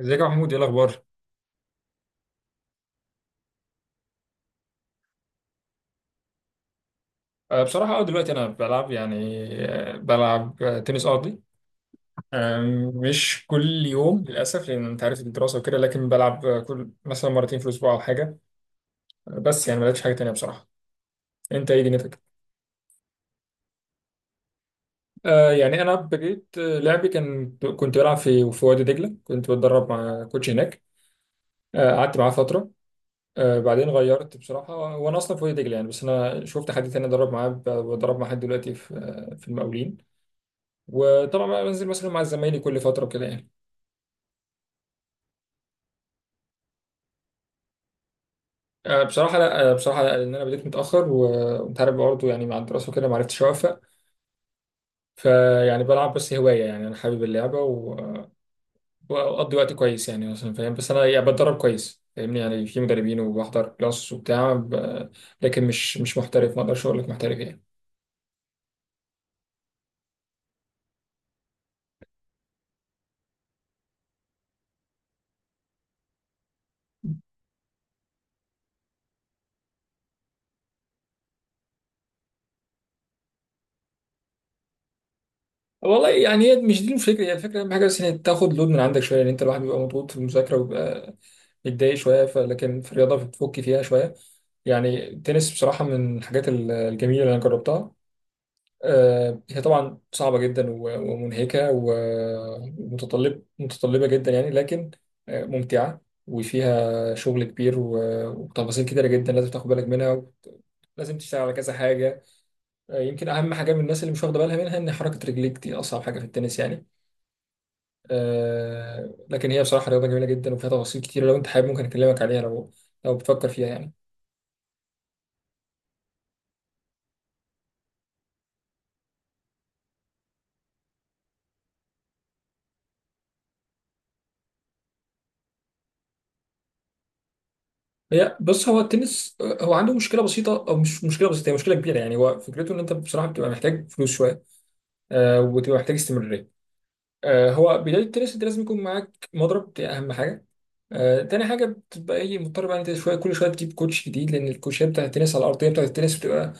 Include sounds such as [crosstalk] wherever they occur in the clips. ازيك يا محمود؟ ايه الاخبار؟ بصراحه دلوقتي انا بلعب يعني آه، بلعب آه، تنس ارضي. مش كل يوم للاسف، لان انت عارف الدراسه وكده. لكن بلعب، كل مثلا مرتين في الاسبوع او حاجه. بس يعني ما لعبتش حاجه تانيه بصراحه. انت ايه دنيتك؟ يعني انا بديت، لعبي كنت بلعب في وادي دجله، كنت بتدرب مع كوتش هناك. قعدت معاه فتره. بعدين غيرت بصراحه، وانا اصلا في وادي دجله يعني، بس انا شفت حد تاني ادرب معاه، بدرب مع حد دلوقتي في في المقاولين. وطبعا بقى بنزل مثلا مع زمايلي كل فتره كده يعني. بصراحه لا، بصراحه لا، لان انا بديت متاخر وانت عارف برضه يعني، مع الدراسه وكده، ما عرفتش اوفق. فيعني بلعب بس هوايه يعني، انا حابب اللعبه واقضي وقت كويس يعني، مثلا فاهم، بس انا يعني بتدرب كويس، فاهمني يعني، في مدربين وبحضر كلاس وبتاع لكن مش محترف، ما اقدرش اقول لك محترف يعني. والله يعني، هي مش دي الفكره، هي الفكره اهم حاجه، بس ان تاخد لود من عندك شويه، ان انت الواحد بيبقى مضغوط في المذاكره وبيبقى بتضايق شويه، لكن في الرياضه بتفك فيها شويه. يعني التنس بصراحه من الحاجات الجميله اللي انا جربتها. هي طبعا صعبه جدا ومنهكه متطلبه جدا يعني، لكن ممتعه. وفيها شغل كبير وتفاصيل كتيره جدا، لازم تاخد بالك منها، لازم تشتغل على كذا حاجه. يمكن اهم حاجه من الناس اللي مش واخده بالها منها، ان حركه رجليك دي اصعب حاجه في التنس يعني. لكن هي بصراحه رياضه جميله جدا وفيها تفاصيل كتيره، لو انت حابب ممكن اكلمك عليها، لو لو بتفكر فيها يعني. هي بص، هو التنس، هو عنده مشكله بسيطه، او مش مشكله بسيطه، هي مشكله كبيره يعني. هو فكرته ان انت بصراحه بتبقى محتاج فلوس شويه. وبتبقى محتاج استمراريه. هو بدايه التنس، انت لازم يكون معاك مضرب، دي اهم حاجه. تاني حاجه بتبقى ايه، مضطر بقى إن انت شويه كل شويه تجيب كوتش جديد، لان الكوتشات بتاعت التنس على الارضيه بتاعت التنس بتبقى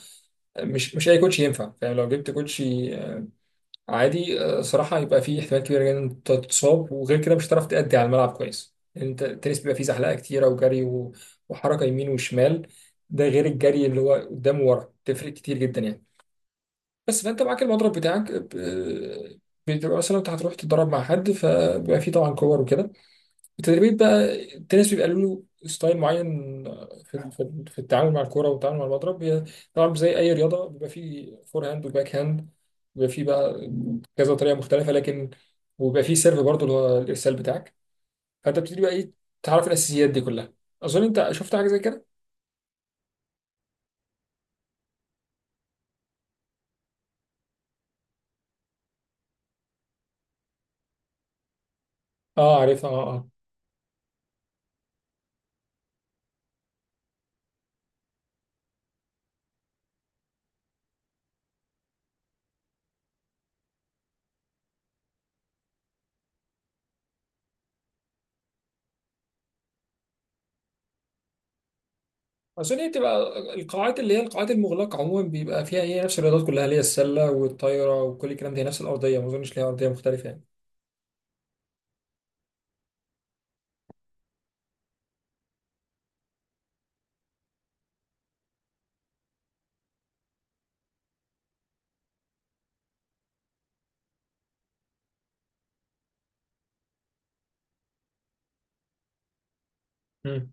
مش اي كوتش ينفع، فاهم. لو جبت كوتش عادي، صراحة يبقى فيه احتمال كبير جدا إن أنت تتصاب، وغير كده مش هتعرف تأدي على الملعب كويس يعني. انت التنس بيبقى فيه زحلقة كتيرة وجري وحركة يمين وشمال، ده غير الجري اللي هو قدام وورا، تفرق كتير جدا يعني. بس فانت معاك المضرب بتاعك، بتبقى مثلا انت هتروح تتدرب مع حد، فبيبقى فيه طبعا كور وكده. التدريبات بقى، التنس بيبقى له ستايل معين في التعامل مع الكرة والتعامل مع المضرب. هي طبعا زي أي رياضة بيبقى فيه فور هاند وباك هاند، بيبقى فيه بقى كذا طريقة مختلفة. لكن وبيبقى فيه سيرف برضه، اللي هو الإرسال بتاعك. فأنت بتبتدي بقى إيه، تعرف الأساسيات دي كلها. أظن أنت شفت حاجة زي كده؟ أه، عارفها. أه، أه. أظن هي بتبقى القاعات، اللي هي القاعات المغلقة عموما بيبقى فيها هي نفس الرياضات كلها، اللي هي السلة والطايرة وكل الكلام ده، هي نفس الأرضية، ما أظنش ليها أرضية مختلفة. يعني،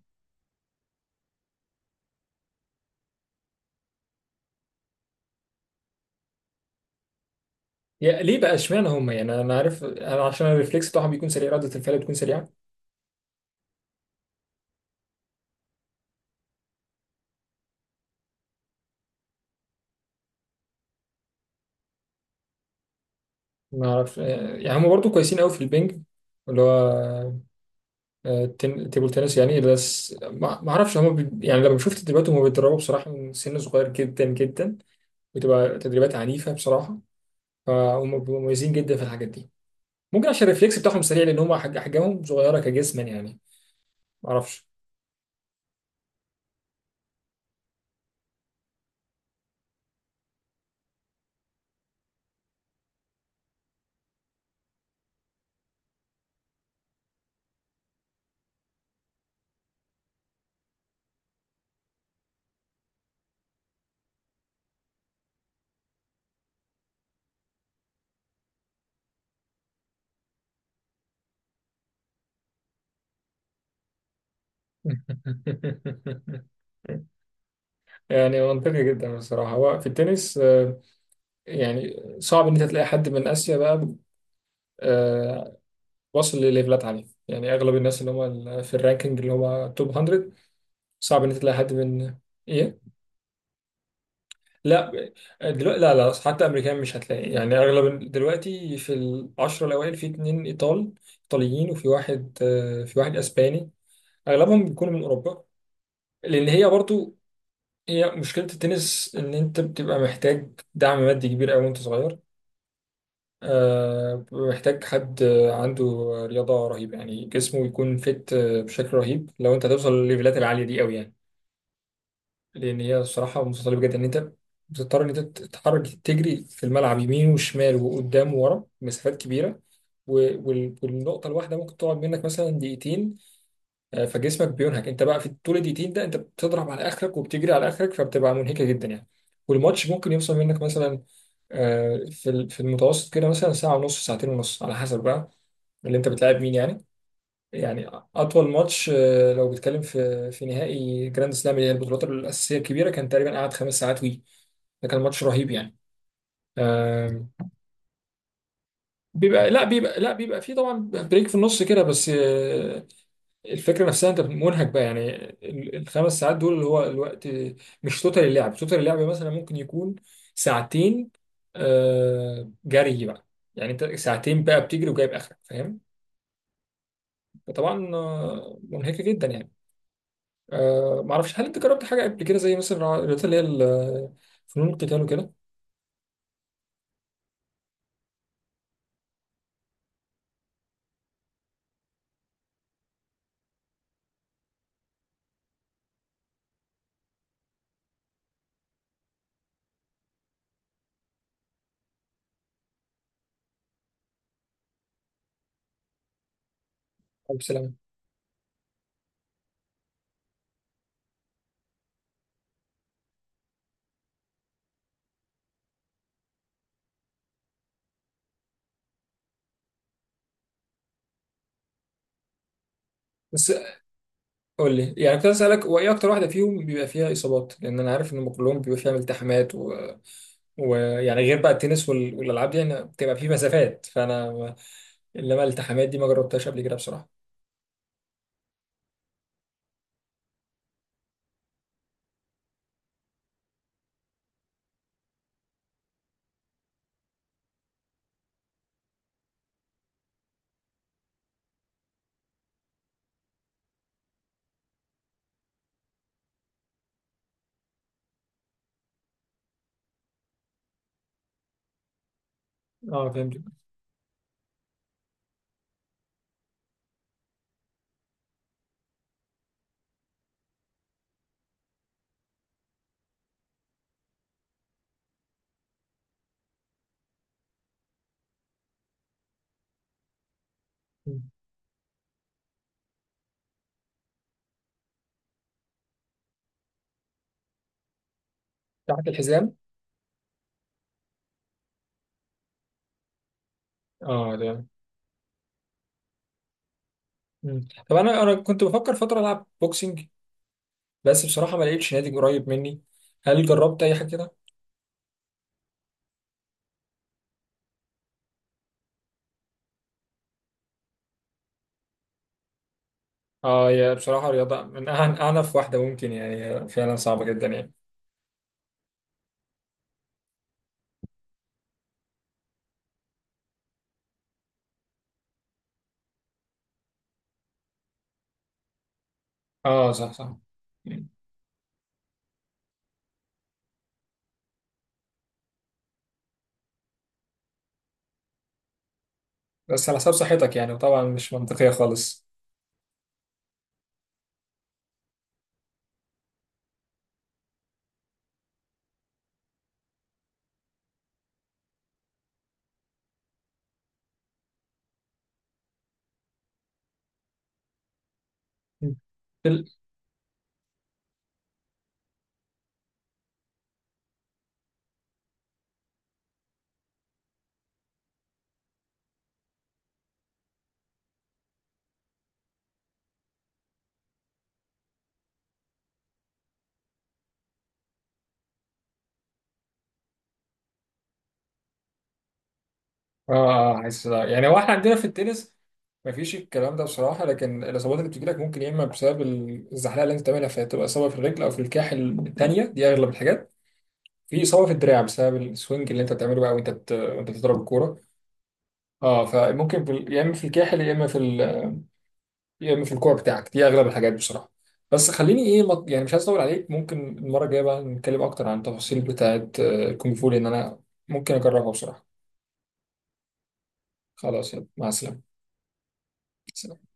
يا ليه بقى اشمعنى هم يعني؟ انا عارف، انا عشان الريفلكس بتاعهم بيكون سريع، رده الفعل بتكون سريعه. ما اعرف يعني، هم برضو كويسين قوي في البنج، اللي هو تيبل تنس يعني. بس ما اعرفش هم يعني، لما شفت تدريباتهم، هم بيتدربوا بصراحه من سن صغير جدا جدا. بتبقى تدريبات عنيفه بصراحه. فهم بيبقوا مميزين جدا في الحاجات دي. ممكن عشان الريفلكس بتاعهم سريع، لان هم احجامهم صغيره كجسما يعني. ما اعرفش. [laughs] يعني منطقي جدا بصراحه، هو في التنس يعني صعب ان انت تلاقي حد من اسيا بقى آه، واصل لليفلات عاليه يعني، اغلب الناس اللي هم في الرانكينج، اللي هم توب 100، صعب ان انت تلاقي حد من ايه. لا، دلوقتي لا، لا حتى امريكان مش هتلاقي يعني، اغلب دلوقتي في العشرة الاوائل في اتنين ايطال ايطاليين، وفي واحد، في واحد اسباني، اغلبهم بيكونوا من اوروبا. لان هي برضو هي مشكله التنس، ان انت بتبقى محتاج دعم مادي كبير قوي وانت صغير. محتاج حد عنده رياضة رهيبة يعني، جسمه يكون فت بشكل رهيب لو انت توصل للليفلات العالية دي قوي يعني. لأن هي الصراحة متطلبة جدا، إن أنت بتضطر إن أنت تتحرك، تجري في الملعب يمين وشمال وقدام وورا مسافات كبيرة، و- والنقطة الواحدة ممكن تقعد منك مثلا دقيقتين. فجسمك بينهك، أنت بقى في طول الدقيقتين ده أنت بتضرب على آخرك وبتجري على آخرك، فبتبقى منهكة جدا يعني. والماتش ممكن يوصل منك مثلا، في المتوسط كده مثلا ساعة ونص، ساعتين ونص، على حسب بقى اللي انت بتلعب مين يعني. يعني اطول ماتش، لو بتكلم في نهائي جراند سلام، اللي هي البطولات الاساسيه الكبيره، كان تقريبا قعد 5 ساعات وي، ده كان ماتش رهيب يعني. آم، بيبقى لا، بيبقى فيه طبعا بريك في النص كده، بس الفكره نفسها انت منهك بقى يعني. الخمس ساعات دول اللي هو الوقت، مش توتال اللعب. توتال اللعب مثلا ممكن يكون ساعتين جري بقى، يعني انت ساعتين بقى بتجري وجايب اخرك، فاهم. فطبعا منهكه جدا يعني. ما اعرفش، هل انت جربت حاجه قبل كده زي مثلا الرياضات اللي هي فنون القتال وكده؟ او السلامه. بس قول لي يعني، كنت عايز اسالك، هو ايه اكتر واحده فيهم بيبقى فيها اصابات؟ لان انا عارف ان هم كلهم بيبقى فيها التحامات ويعني غير بقى التنس والالعاب دي، يعني بتبقى فيه مسافات، فانا انما الالتحامات دي ما جربتهاش قبل كده بصراحه. اه، فهمت. مم. تحت الحزام. اه، ده مم. طب، انا كنت بفكر فتره العب بوكسنج، بس بصراحه ما لقيتش نادي قريب مني. هل جربت اي حاجه كده؟ اه، هي بصراحة رياضة من أعنف واحدة ممكن يعني، هي فعلا صعبة جدا يعني. اه، صح صح. بس على حسب صحتك يعني، وطبعا مش منطقية خالص. م. ال- اه، اه، حاسس لا. يعني هو احنا عندنا في التنس مفيش الكلام ده بصراحة، لكن الإصابات اللي بتجيلك ممكن يا إما بسبب الزحلقة اللي أنت بتعملها، فتبقى إصابة في الرجل أو في الكاحل، التانية دي أغلب الحاجات، في إصابة في الدراع بسبب السوينج اللي أنت بتعمله بقى، وأنت بتضرب الكورة. اه، فممكن يا إما في الكاحل يا إما في، يا اما في الكوره بتاعك، دي اغلب الحاجات بصراحه. بس خليني ايه، يعني مش عايز اطول عليك، ممكن المره الجايه بقى نتكلم اكتر عن التفاصيل بتاعه الكونغ فو، لان انا ممكن اجربها بصراحه. خلاص، يلا مع السلامه. سلام.